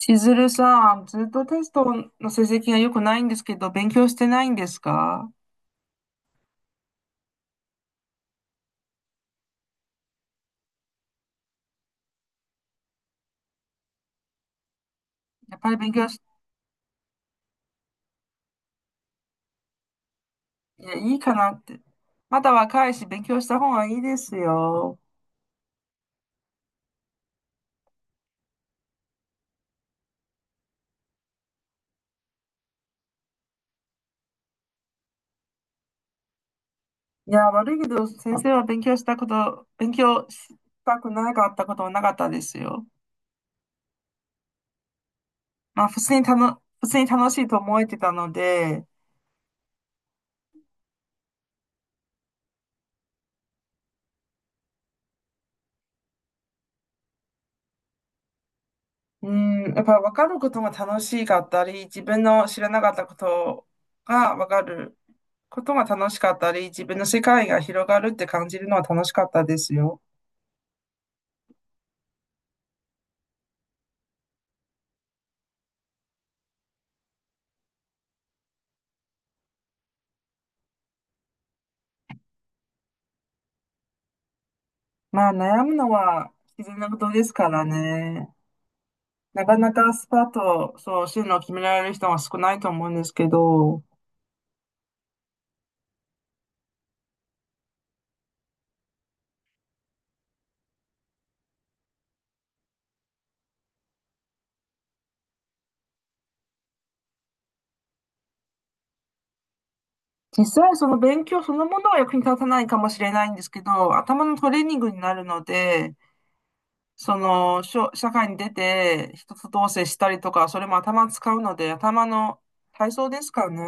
しずるさん、ずっとテストの成績が良くないんですけど、勉強してないんですか？やっぱり勉強し、いや、いいかなって。まだ若いし、勉強した方がいいですよ。いや、悪いけど、先生は勉強したこと、勉強したくなかったことはなかったですよ。まあ、普通に楽しいと思えてたので、うん、やっぱ分かることが楽しかったり、自分の知らなかったことが分かる、ことが楽しかったり、自分の世界が広がるって感じるのは楽しかったですよ。まあ悩むのは必然なことですからね。なかなかスパッとそう進路を決められる人は少ないと思うんですけど、実際その勉強そのものは役に立たないかもしれないんですけど、頭のトレーニングになるので、その、社会に出て、人と同棲したりとか、それも頭使うので、頭の体操ですかね。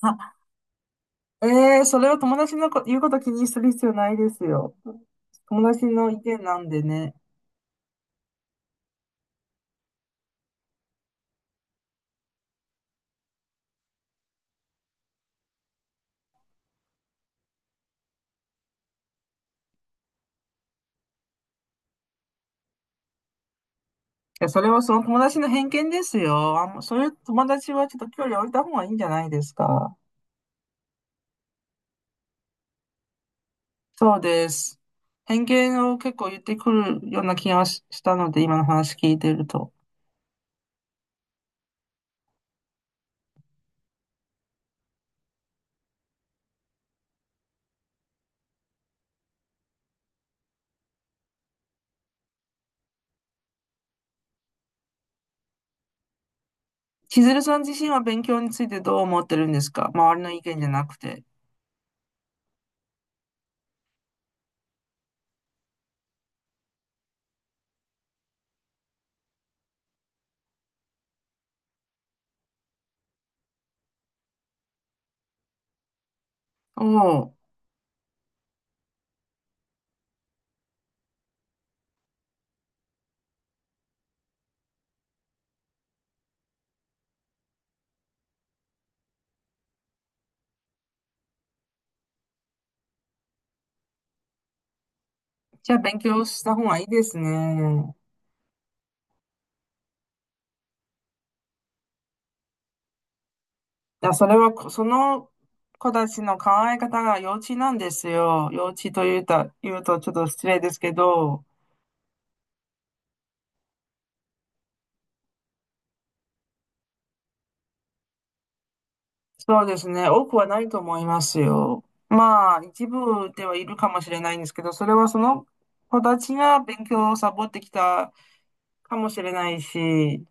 あ、ええ、それは友達の言うこと気にする必要ないですよ。友達の意見なんでね。いや、それはその友達の偏見ですよ。あんま、そういう友達はちょっと距離置いた方がいいんじゃないですか。そうです。偏見を結構言ってくるような気がししたので、今の話聞いてると。千鶴さん自身は勉強についてどう思ってるんですか？周りの意見じゃなくて。おお、じゃあ勉強した方がいいですね。いや、それはこ、その子たちの考え方が幼稚なんですよ。幼稚というた、言うとちょっと失礼ですけど。そうですね。多くはないと思いますよ。まあ、一部ではいるかもしれないんですけど、それはその子たちが勉強をサボってきたかもしれないし、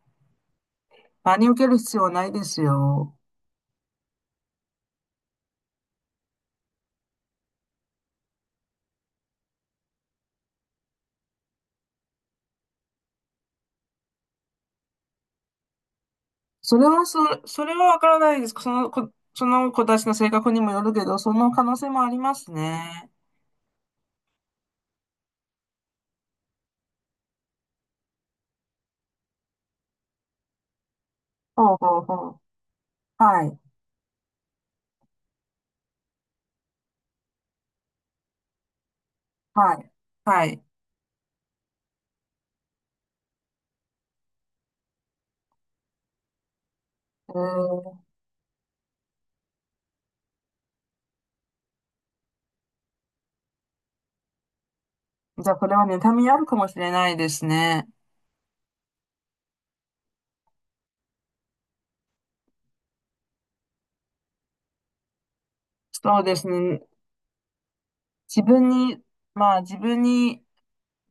真に受ける必要はないですよ。それはそ、それはわからないです。その子たちの性格にもよるけど、その可能性もありますね。ほうほうほう。はい、はい、はい。えー、じゃあ、これは妬みあるかもしれないですね。そうですね。自分に、まあ自分に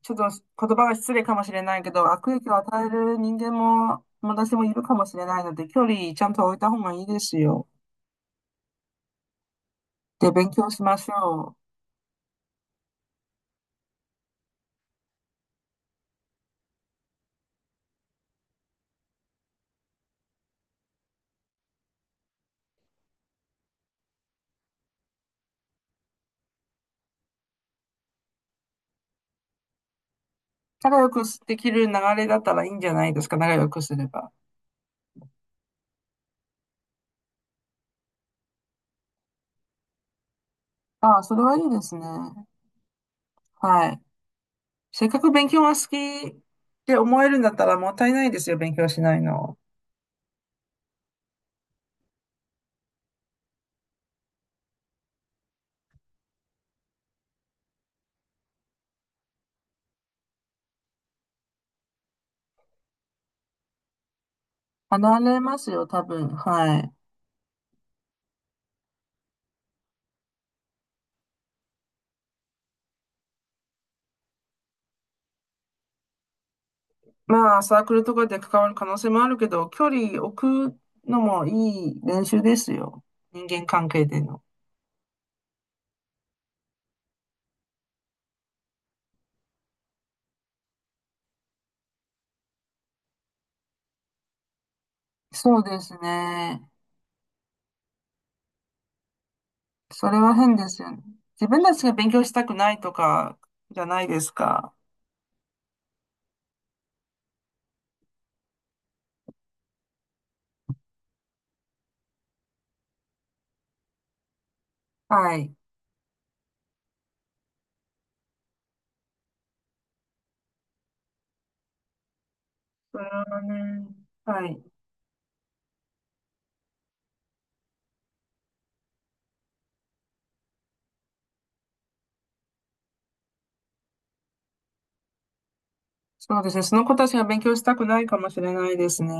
ちょっと言葉が失礼かもしれないけど、悪影響を与える人間も、私もいるかもしれないので、距離ちゃんと置いた方がいいですよ。で、勉強しましょう。仲良くできる流れだったらいいんじゃないですか、仲良くすれば。ああ、それはいいですね。はい。せっかく勉強が好きって思えるんだったらもったいないですよ、勉強しないの。離れますよ、多分。はい。まあ、サークルとかで関わる可能性もあるけど、距離置くのもいい練習ですよ。人間関係での。そうですね。それは変ですよね。自分たちが勉強したくないとかじゃないですか。はい。それはね、はい。そうですね。その子たちが勉強したくないかもしれないですね。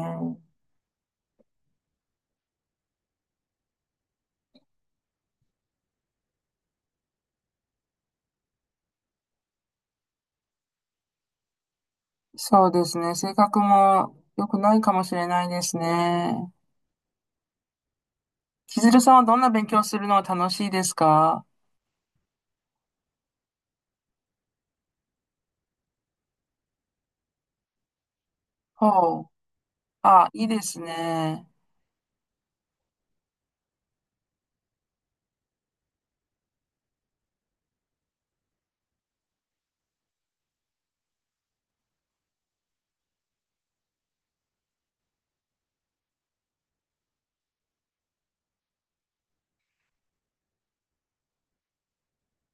そうですね。性格も良くないかもしれないですね。千鶴さんはどんな勉強するのが楽しいですか？ほう。あ、いいですね。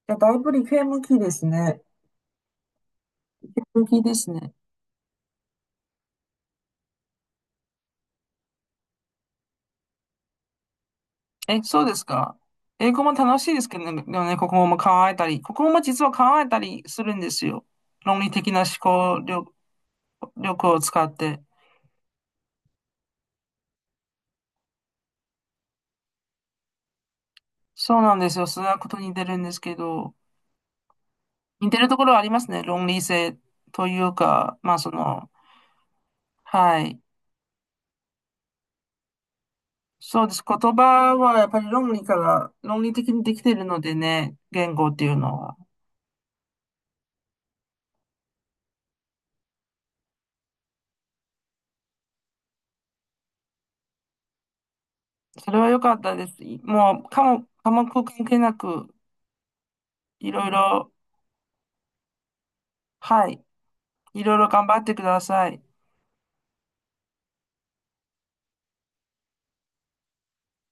いや、だいぶ理系向きですね。理系向きですね。え、そうですか。英語も楽しいですけどね、でもね、国語も考えたり、国語も実は考えたりするんですよ。論理的な思考力を使って。そうなんですよ。数学と似てるんですけど、似てるところはありますね。論理性というか、まあその、はい。そうです。言葉はやっぱり論理から、論理的にできているのでね、言語っていうのは。それは良かったです。もう、科目関係なく、いろいろ、はい。いろいろ頑張ってください。